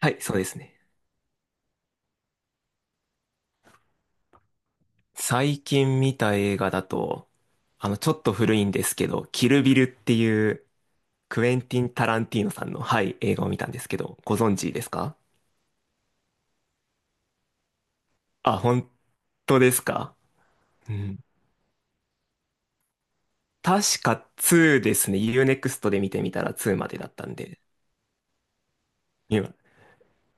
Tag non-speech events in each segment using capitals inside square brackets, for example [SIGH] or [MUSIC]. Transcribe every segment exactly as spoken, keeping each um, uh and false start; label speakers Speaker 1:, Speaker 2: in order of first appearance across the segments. Speaker 1: はい、そうですね。最近見た映画だと、あの、ちょっと古いんですけど、キルビルっていうクエンティン・タランティーノさんの、はい、映画を見たんですけど、ご存知ですか？あ、本当ですか？うん。確かツーですね。ユーネクスト で見てみたらツーまでだったんで、今、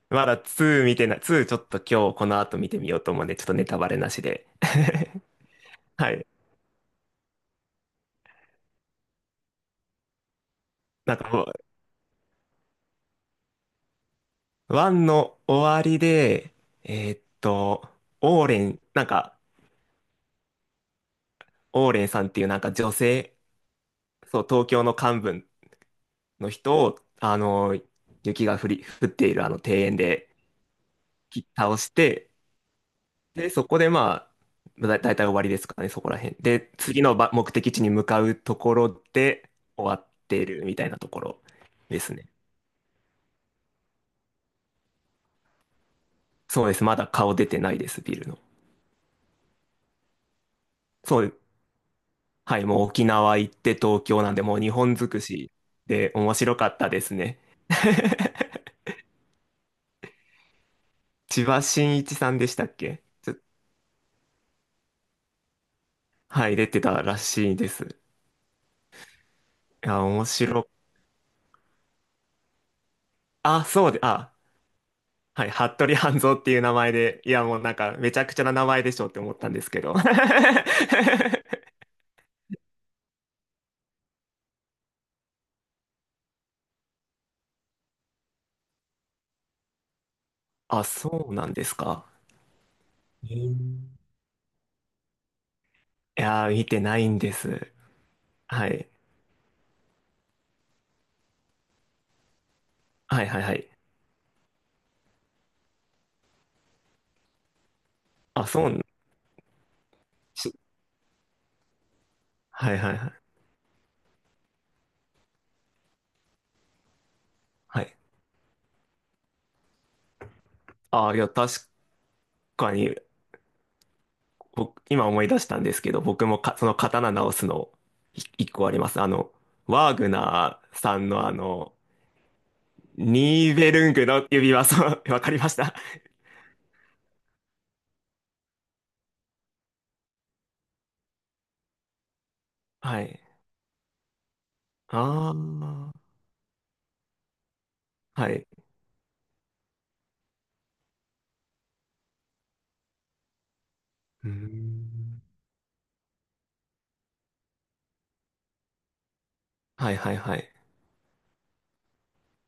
Speaker 1: まだツー見てない、ツーちょっと今日この後見てみようと思うんで、ちょっとネタバレなしで。[LAUGHS] はい。なんかもう、ワンの終わりで、えーっと、オーレン、なんか、オーレイさんっていうなんか女性、そう、東京の幹部の人を、あの、雪が降り、降っているあの庭園で切倒して、で、そこでまあ、だ、だいたい終わりですかね、そこら辺。で、次のば目的地に向かうところで終わってるみたいなところですね。そうです。まだ顔出てないです、ビルの。そう、はい、もう沖縄行って東京なんで、もう日本尽くしで面白かったですね。千葉真一さんでしたっけちょはい、出てたらしいです。いや、面白。あ、そうで、あ、はい、服部半蔵っていう名前で、いや、もうなんか、めちゃくちゃな名前でしょって思ったんですけど。[LAUGHS] あ、そうなんですか。へー、いやー、見てないんです。はい。はいはいはい。あ、そう、しはいはいはい。はい。あ、いや、確かに、僕、今思い出したんですけど、僕もか、その刀直すの、い一個あります。あの、ワーグナーさんのあの、ニーベルングの指輪、そう、[LAUGHS] わかりました。はい。ああ、はい。うーん。はいはいはい。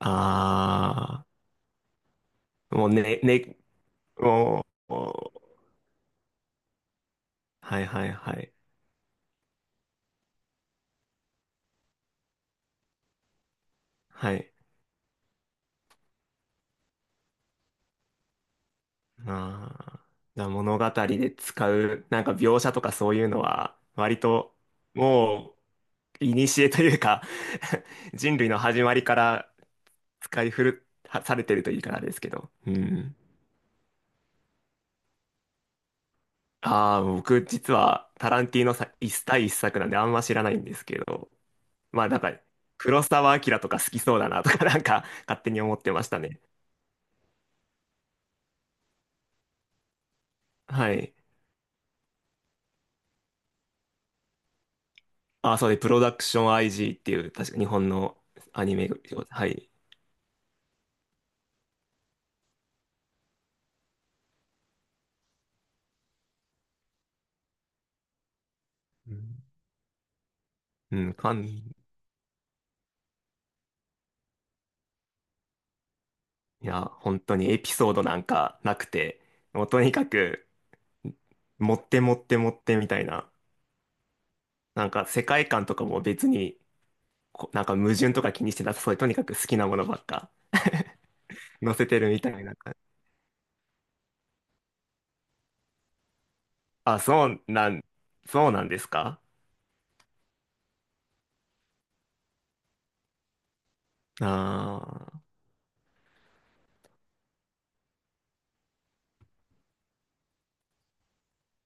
Speaker 1: ああ、もうね、ね、もう、もうはいはいはい。はい。ああ、じゃあ物語で使う、なんか描写とかそういうのは、割と、もう、古というか、 [LAUGHS] 人類の始まりから使い古されてるといいからですけど。うん。ああ、僕実はタランティーノさ一対一作なんであんま知らないんですけど、まあなんか黒澤明とか好きそうだなとか、 [LAUGHS] なんか勝手に思ってましたね。はい。ああ、そうで、プロダクション アイジー っていう確か日本のアニメを、はい。うんうん、かん、いや、本当にエピソードなんかなくて、もうとにかく持って持って持ってみたいな、なんか世界観とかも別にこなんか矛盾とか気にしてなさそうで、とにかく好きなものばっか載せてるみたいな。あ、そうなん、そうなんですか？あ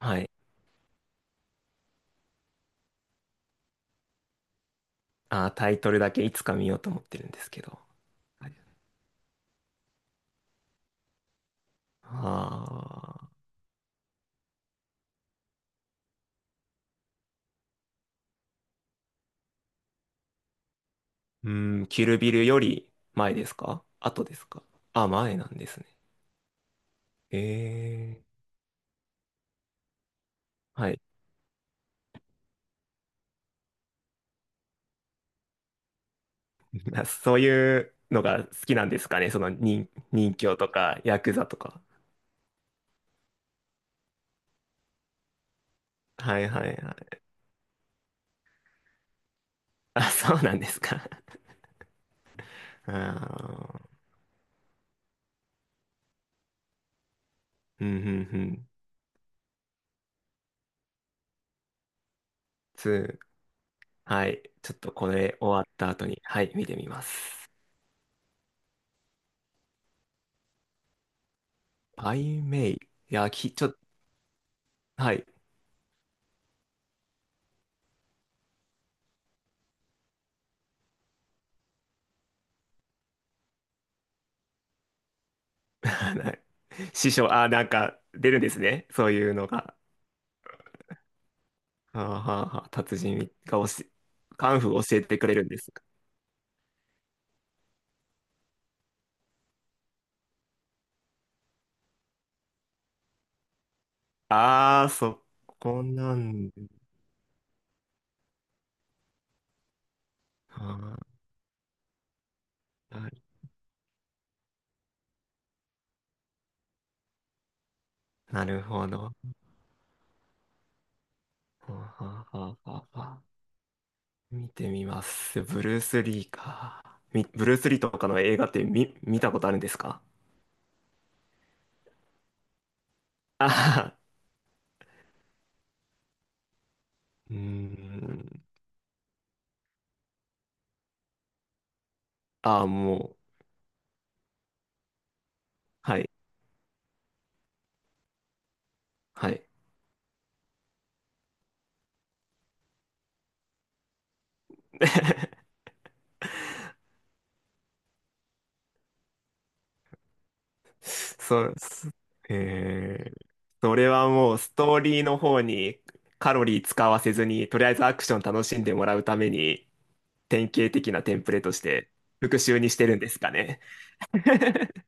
Speaker 1: あー、はい。あー、タイトルだけいつか見ようと思ってるんですけど。はい。ああ、うん、キルビルより前ですか？後ですか？あ、前なんですね。ええ、はい。[LAUGHS] そういうのが好きなんですかね、その人、人侠とか、ヤクザとか。はいはいはい。あ、そうなんですか。[LAUGHS] ああ、うんうんうん。ツー。はい。ちょっとこれ終わった後に、はい、見てみます。アイメイ。いや、き、ちょっと、はい。[LAUGHS] はい。師匠、あ、なんか出るんですね。そういうのが。あーはーはー。達人が教え、カンフー教えてくれるんです。ああ、そこなんで。あーななるほど。はーはーはーはーはー見てみます。ブルース・リーか。み、ブルース・リーとかの映画って見、見たことあるんですか？ああー、[LAUGHS] うーん。ああ、もう。はい。はい。[LAUGHS] そう、すえー、それはもうストーリーの方にカロリー使わせずに、とりあえずアクション楽しんでもらうために、典型的なテンプレとして復習にしてるんですかね。[LAUGHS]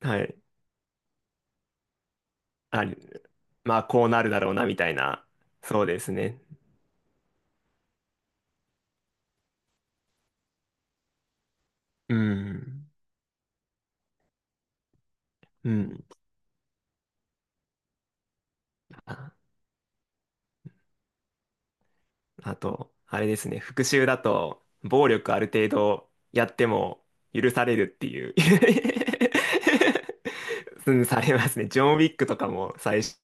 Speaker 1: はい。あ、まあ、こうなるだろうな、みたいな。そうですね。うん。うん。あと、あれですね、復讐だと、暴力ある程度やっても許されるっていう。 [LAUGHS] うん、されますね。ジョン・ウィックとかも最初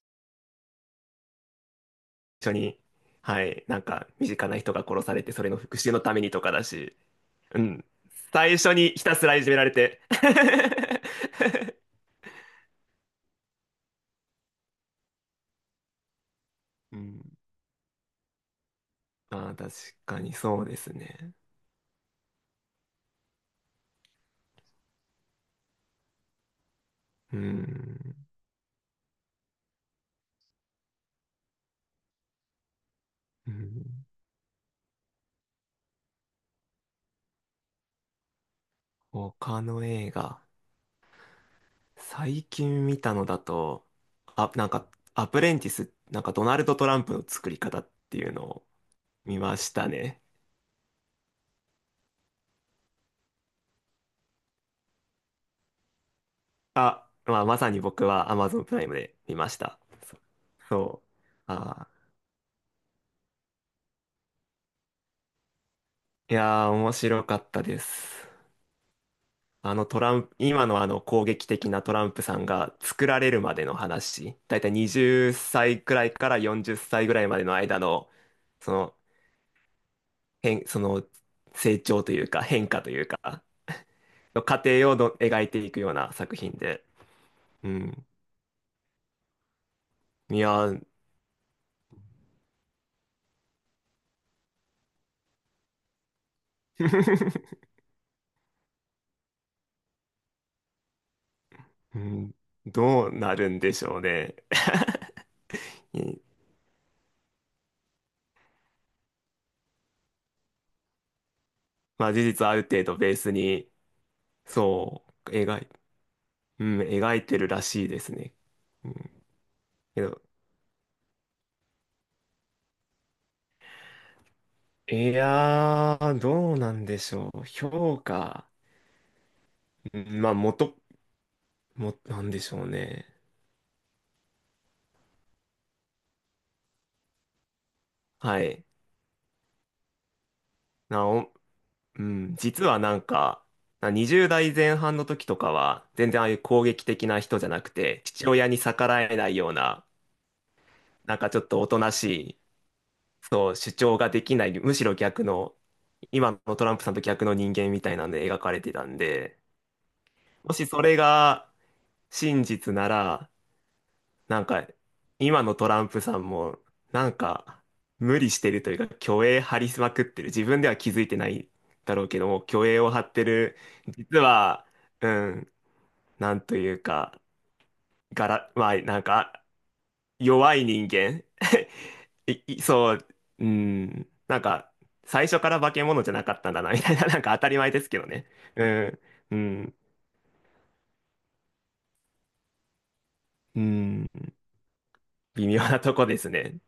Speaker 1: に、はい、なんか身近な人が殺されて、それの復讐のためにとかだし、うん、最初にひたすらいじめられて。 [LAUGHS] うん、まあ確かにそうですね。うん、うん、他の映画。最近見たのだと、あ、なんか、アプレンティス、なんかドナルド・トランプの作り方っていうのを見ましたね。あ、まあ、まさに僕は Amazon プライムで見ました。そそう。あー、いやー、面白かったです。あのトランプ、今のあの攻撃的なトランプさんが作られるまでの話、だいたいはたちくらいからよんじゅっさいぐらいまでの間の、その、変、その成長というか変化というか、の過程をの描いていくような作品で。うん。いやー。[LAUGHS] うん、どうなるんでしょうね。[LAUGHS] うん、まあ事実ある程度ベースに、そう、描い、うん、描いてるらしいですね。うん、けど、いやー、どうなんでしょう。評価。うん、まあ、元、も、なんでしょうね。はい。なお、うん、実はなんか、なにじゅうだい代前半の時とかは、全然ああいう攻撃的な人じゃなくて、父親に逆らえないような、なんかちょっとおとなしい、そう、主張ができない、むしろ逆の、今のトランプさんと逆の人間みたいなんで描かれてたんで、もしそれが真実なら、なんか、今のトランプさんも、なんか、無理してるというか、虚栄張りまくってる。自分では気づいてないだろうけども、虚栄を張ってる。実は、うん、なんというか、がら、まあ、なんか、弱い人間。[LAUGHS] い、いそう、うん、なんか、最初から化け物じゃなかったんだな、みたいな、なんか当たり前ですけどね。うん、うん、うん、微妙なとこですね。